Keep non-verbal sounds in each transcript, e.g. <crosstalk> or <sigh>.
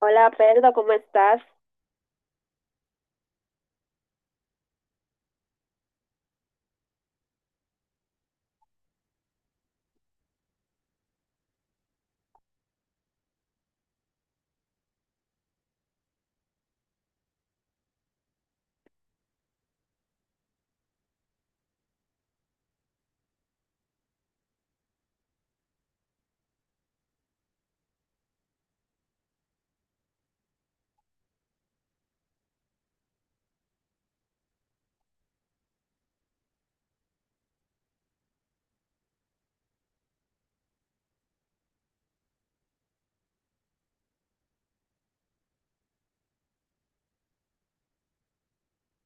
Hola Pedro, ¿cómo estás?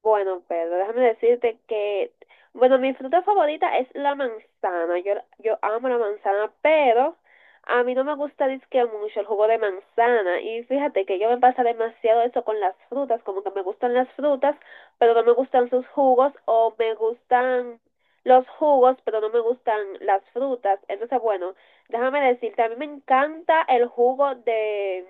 Bueno, Pedro, déjame decirte que, bueno, mi fruta favorita es la manzana. Yo amo la manzana, pero a mí no me gusta dizque mucho el jugo de manzana. Y fíjate que yo me pasa demasiado eso con las frutas, como que me gustan las frutas, pero no me gustan sus jugos, o me gustan los jugos, pero no me gustan las frutas. Entonces, bueno, déjame decirte, a mí me encanta el jugo de...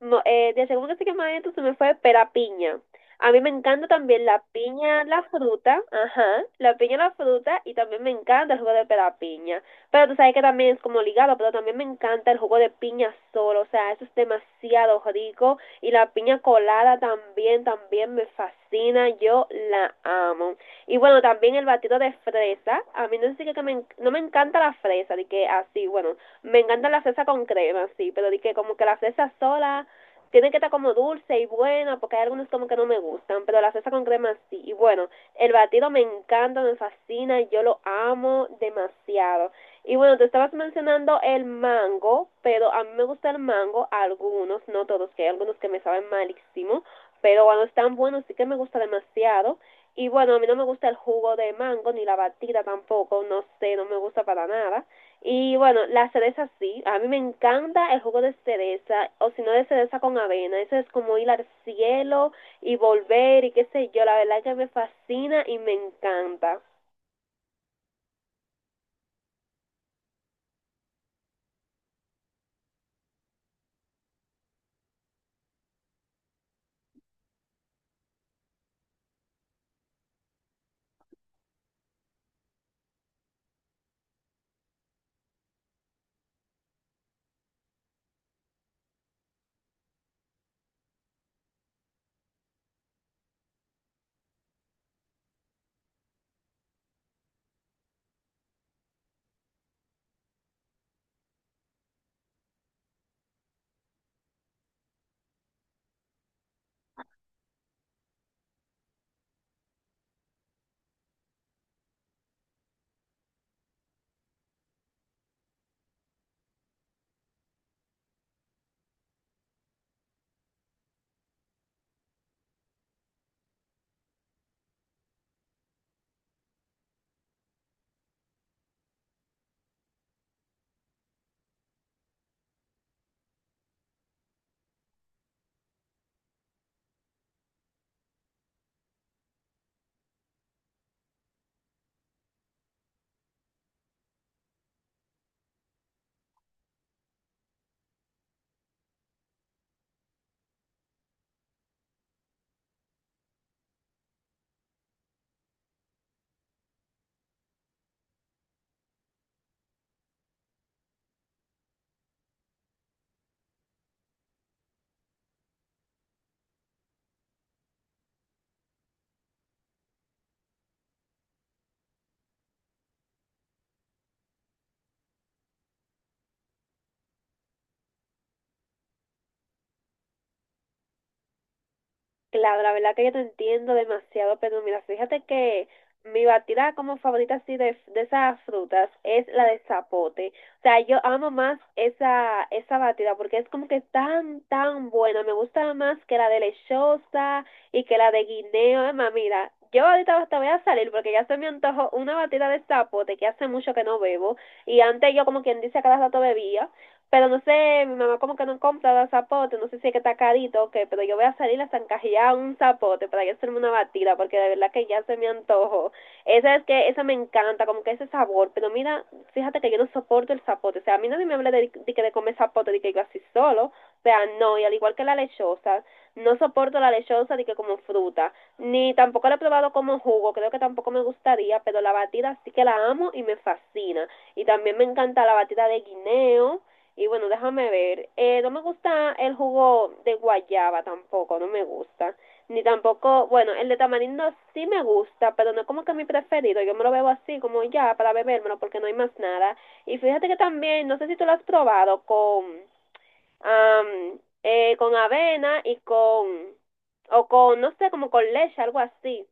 No, de segundo que más adentro se me fue pera piña. A mí me encanta también la piña, la fruta, ajá, la piña, la fruta, y también me encanta el jugo de pera piña. Pero tú sabes que también es como ligado, pero también me encanta el jugo de piña solo, o sea, eso es demasiado rico. Y la piña colada también, también me fascina, yo la amo. Y bueno, también el batido de fresa, a mí no sé si que me, no me encanta la fresa, de que así, bueno, me encanta la fresa con crema, sí, pero de que como que la fresa sola tiene que estar como dulce y buena, porque hay algunos como que no me gustan, pero la salsa con crema sí. Y bueno, el batido me encanta, me fascina, yo lo amo demasiado. Y bueno, te estabas mencionando el mango, pero a mí me gusta el mango, algunos, no todos, que hay algunos que me saben malísimo, pero cuando están buenos sí que me gusta demasiado. Y bueno, a mí no me gusta el jugo de mango, ni la batida tampoco, no sé, no me gusta para nada. Y bueno, la cereza sí, a mí me encanta el jugo de cereza, o si no de cereza con avena, eso es como ir al cielo y volver y qué sé yo, la verdad es que me fascina y me encanta. Claro, la verdad que yo te entiendo demasiado, pero mira, fíjate que mi batida como favorita así de esas frutas es la de zapote. O sea, yo amo más esa, esa batida porque es como que tan, tan buena. Me gusta más que la de lechosa y que la de guineo. Es más, mira, yo ahorita hasta voy a salir porque ya se me antojó una batida de zapote que hace mucho que no bebo. Y antes yo como quien dice a cada rato bebía. Pero no sé, mi mamá como que no compra los zapotes, no sé si es que está carito o qué, pero yo voy a salir a zancajear un zapote para yo hacerme una batida, porque de verdad que ya se me antojo. Esa es que, esa me encanta, como que ese sabor, pero mira, fíjate que yo no soporto el zapote, o sea, a mí nadie me habla de que de comer zapote, de que yo así solo, o sea, no, y al igual que la lechosa, no soporto la lechosa de que como fruta, ni tampoco la he probado como jugo, creo que tampoco me gustaría, pero la batida sí que la amo y me fascina. Y también me encanta la batida de guineo, y bueno, déjame ver. No me gusta el jugo de guayaba tampoco, no me gusta. Ni tampoco, bueno, el de tamarindo sí me gusta, pero no es como que mi preferido. Yo me lo bebo así, como ya, para bebérmelo, porque no hay más nada. Y fíjate que también, no sé si tú lo has probado con, con avena y con, o con, no sé, como con leche, algo así.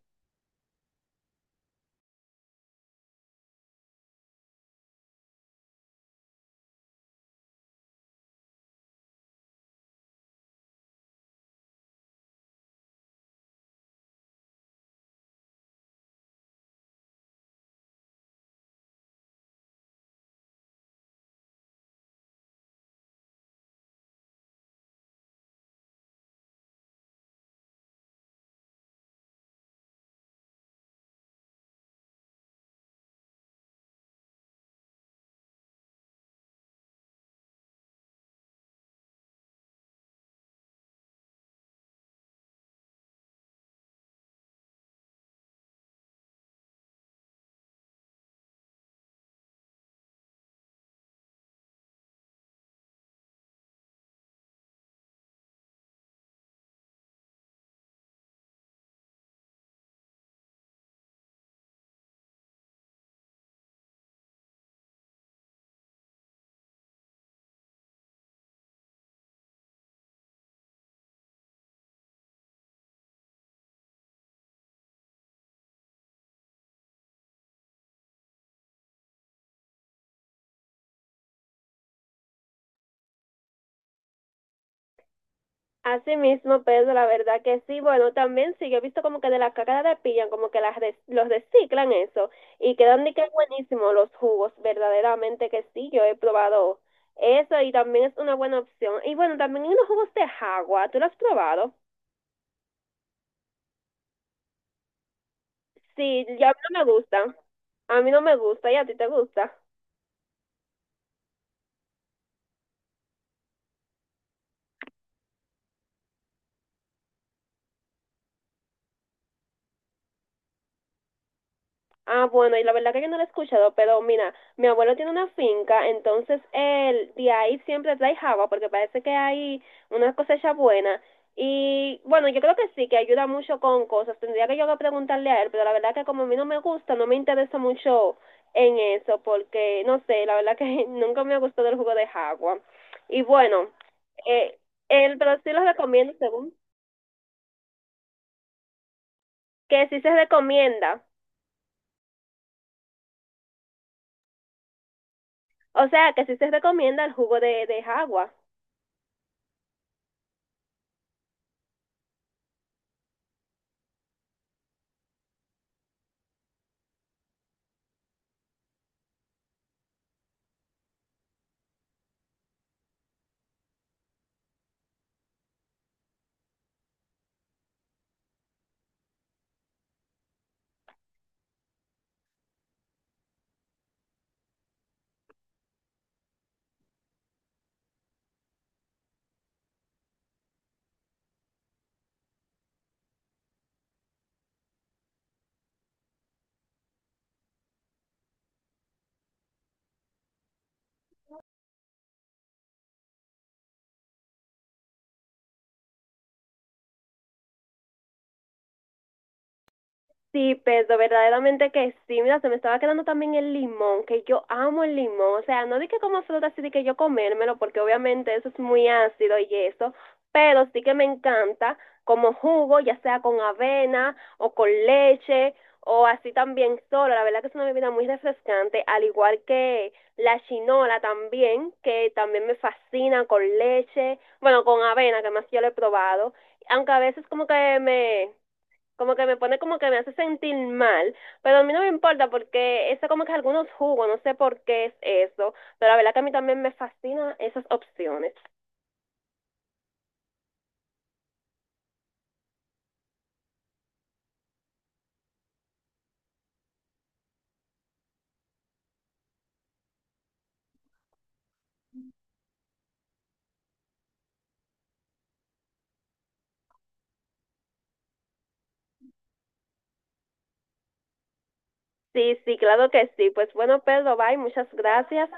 Así mismo, Pedro, la verdad que sí. Bueno, también sí, yo he visto como que de la caca de pillan, como que los reciclan eso y quedan de que buenísimo los jugos, verdaderamente que sí, yo he probado eso y también es una buena opción. Y bueno, también hay unos jugos de agua, ¿tú lo has probado? Sí, ya a mí no me gustan, a mí no me gusta y a ti te gusta. Ah, bueno, y la verdad que yo no lo he escuchado, pero mira, mi abuelo tiene una finca, entonces él de ahí siempre trae java, porque parece que hay una cosecha buena. Y bueno, yo creo que sí, que ayuda mucho con cosas. Tendría que yo que preguntarle a él, pero la verdad que como a mí no me gusta, no me interesa mucho en eso, porque no sé, la verdad que <laughs> nunca me ha gustado el jugo de jagua. Y bueno, eh, él, pero sí lo recomiendo según que sí se recomienda. O sea, que sí se recomienda el jugo de jagua. Sí, pero verdaderamente que sí. Mira, se me estaba quedando también el limón, que yo amo el limón. O sea, no di que como fruta, sí di que yo comérmelo, porque obviamente eso es muy ácido y eso. Pero sí que me encanta como jugo, ya sea con avena o con leche o así también solo. La verdad que es una bebida muy refrescante, al igual que la chinola también, que también me fascina con leche, bueno, con avena, que más yo lo he probado. Aunque a veces como que me pone como que me hace sentir mal, pero a mí no me importa porque eso como que algunos jugos, no sé por qué es eso, pero la verdad que a mí también me fascinan esas opciones. Sí, sí, claro que sí. Pues bueno, Pedro, bye, muchas gracias.